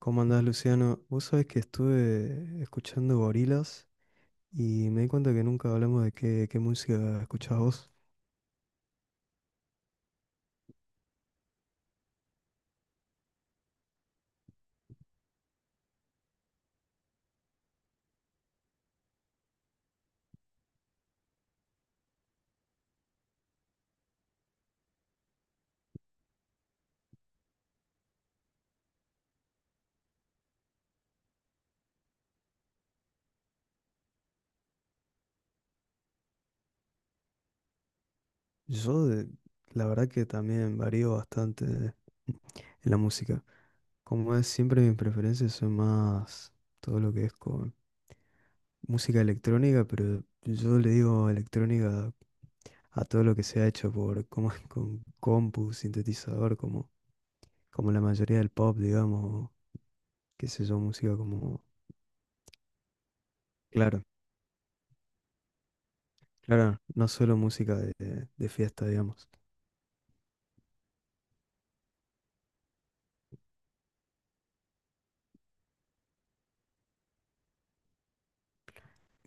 ¿Cómo andás, Luciano? Vos sabés que estuve escuchando gorilas y me di cuenta que nunca hablamos de qué música escuchás vos. Yo, de- la verdad que también varío bastante en la música. Como es, siempre mis preferencias son más todo lo que es con música electrónica, pero yo le digo electrónica a todo lo que se ha hecho por, como, con compu, sintetizador, como, como la mayoría del pop, digamos, qué sé yo, música como, claro. Claro, no solo música de fiesta, digamos.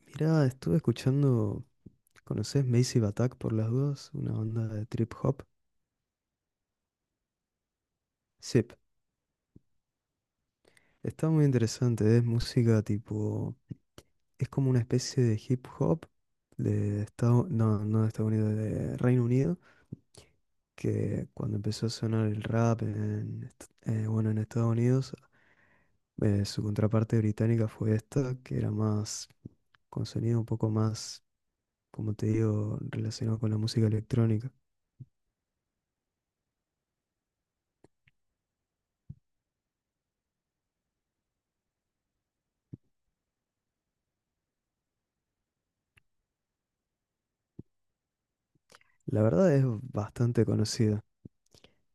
Mirá, estuve escuchando, ¿conoces Massive Attack por las dudas? Una banda de trip hop. Sí, está muy interesante, es música tipo, es como una especie de hip hop de Estados, no, no de Estados Unidos, de Reino Unido, que cuando empezó a sonar el rap bueno, en Estados Unidos, su contraparte británica fue esta, que era más, con sonido un poco más como te digo, relacionado con la música electrónica. La verdad es bastante conocida.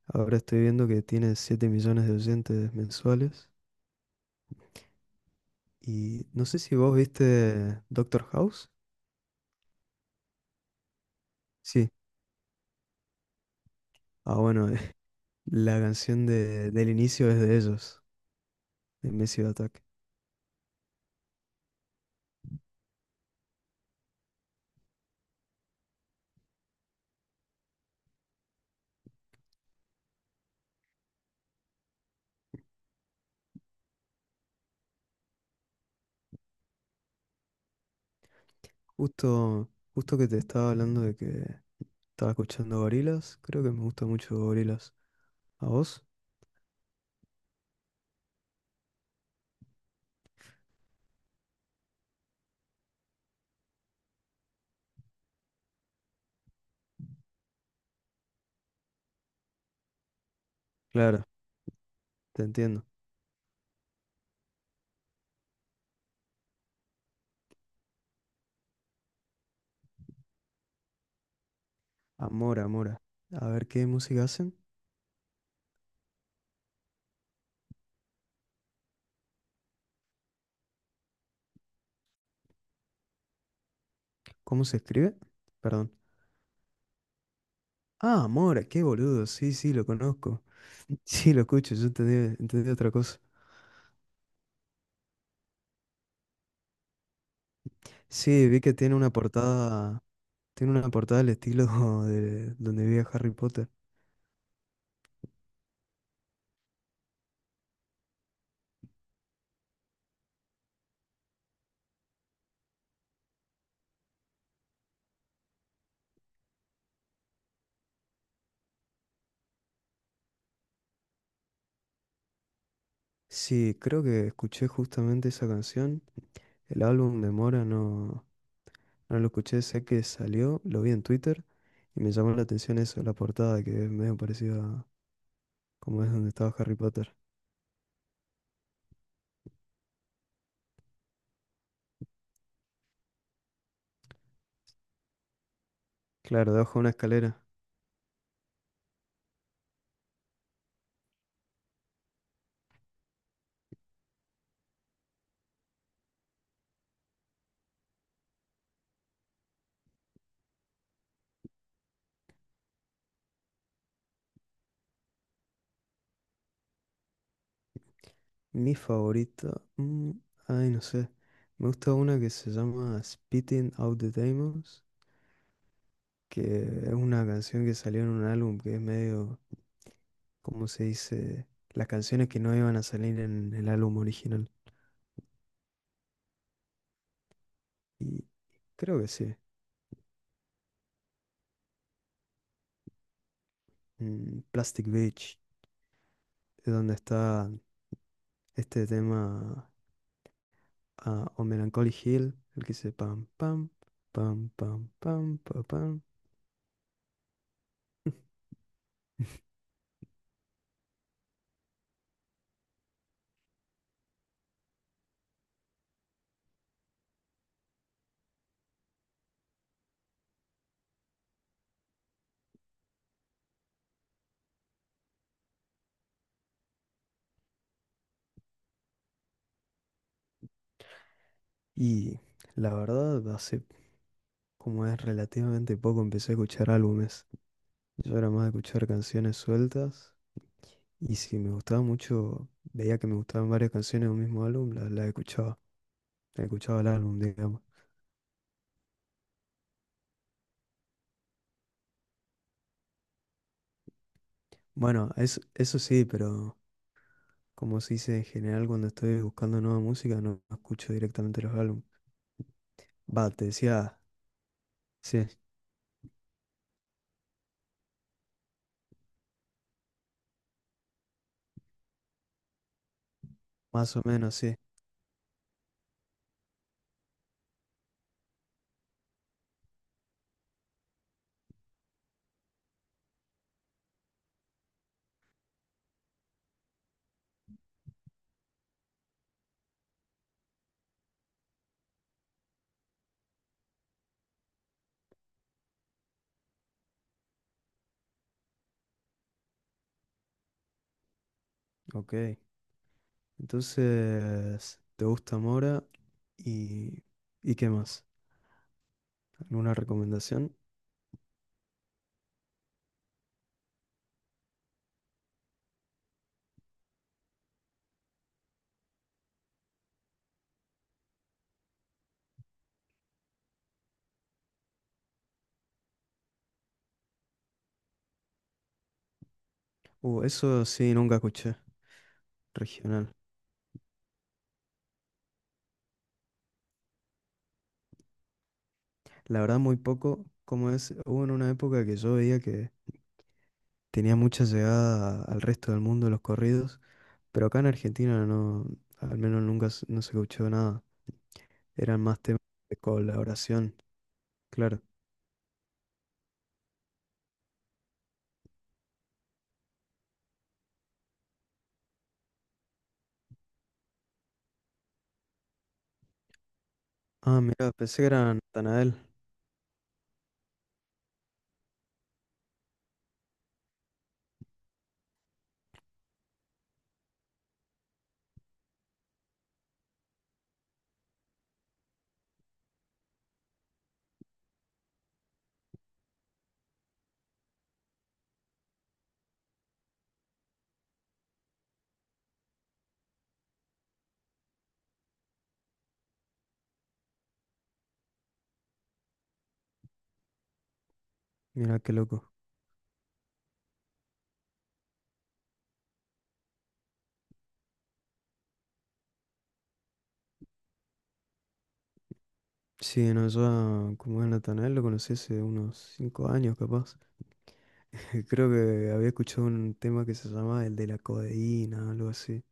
Ahora estoy viendo que tiene 7 millones de oyentes mensuales. Y no sé si vos viste Doctor House. Sí. Ah, bueno, la canción del inicio es de ellos, de Massive Attack. Justo, justo que te estaba hablando de que estaba escuchando Gorillaz, creo que me gusta mucho Gorillaz. ¿A vos? Claro, te entiendo. Amora. A ver qué música hacen, cómo se escribe. Perdón. Ah, Mora, qué boludo. Sí, sí, lo conozco. Sí, lo escucho, yo entendí, entendí otra cosa. Sí, vi que tiene una portada al estilo de donde vi a Harry Potter. Sí, creo que escuché justamente esa canción. El álbum de Mora no, no lo escuché, sé que salió, lo vi en Twitter y me llamó la atención eso, la portada que es medio parecida a como es donde estaba Harry Potter. Claro, debajo de una escalera. Mi favorita. Mm, ay, no sé. Me gusta una que se llama Spitting Out the Demons, que es una canción que salió en un álbum que es medio, ¿cómo se dice? Las canciones que no iban a salir en el álbum original. Y creo que sí. Mm, Plastic Beach, es donde está este tema. Ah, o Melancholy Hill, el que dice pam, pam, pam, pam, pam, pa, pam. Y la verdad, hace como es relativamente poco, empecé a escuchar álbumes. Yo era más de escuchar canciones sueltas. Y si me gustaba mucho, veía que me gustaban varias canciones de un mismo álbum, las la escuchaba. Escuchaba el álbum, digamos. Bueno, eso sí, pero como se dice en general, cuando estoy buscando nueva música, no escucho directamente los álbumes. Va, te decía, sí, más o menos, sí. Ok. Entonces, ¿te gusta Mora? ¿Y, y qué más? ¿Alguna recomendación? Eso sí, nunca escuché. Regional. La verdad, muy poco. Como es, hubo en una época que yo veía que tenía mucha llegada al resto del mundo los corridos, pero acá en Argentina no, al menos nunca no se escuchó nada. Eran más temas de colaboración, claro. Ah, mira, pensé que era Natanael. Mira qué loco. Sí, no, yo como es Natanael lo conocí hace unos 5 años capaz. Creo que había escuchado un tema que se llamaba el de la codeína, algo así.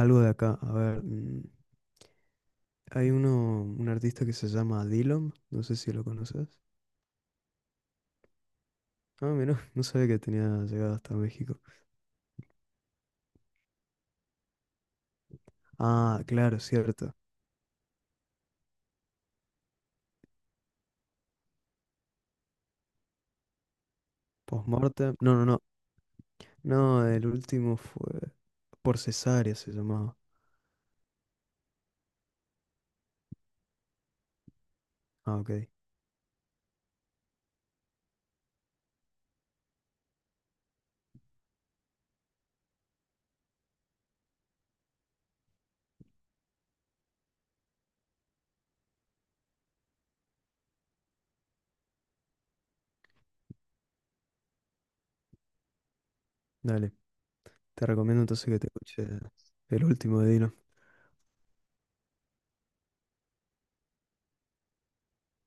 Algo de acá, a ver. Mm. Hay uno, un artista que se llama Dillom, no sé si lo conoces. Ah, mira, no sabía que tenía llegado hasta México. Ah, claro, cierto. Postmortem. No, no, no. No, el último fue por cesárea se llamaba. Ah, ok. Dale. Te recomiendo entonces que te escuches el último de Dillom.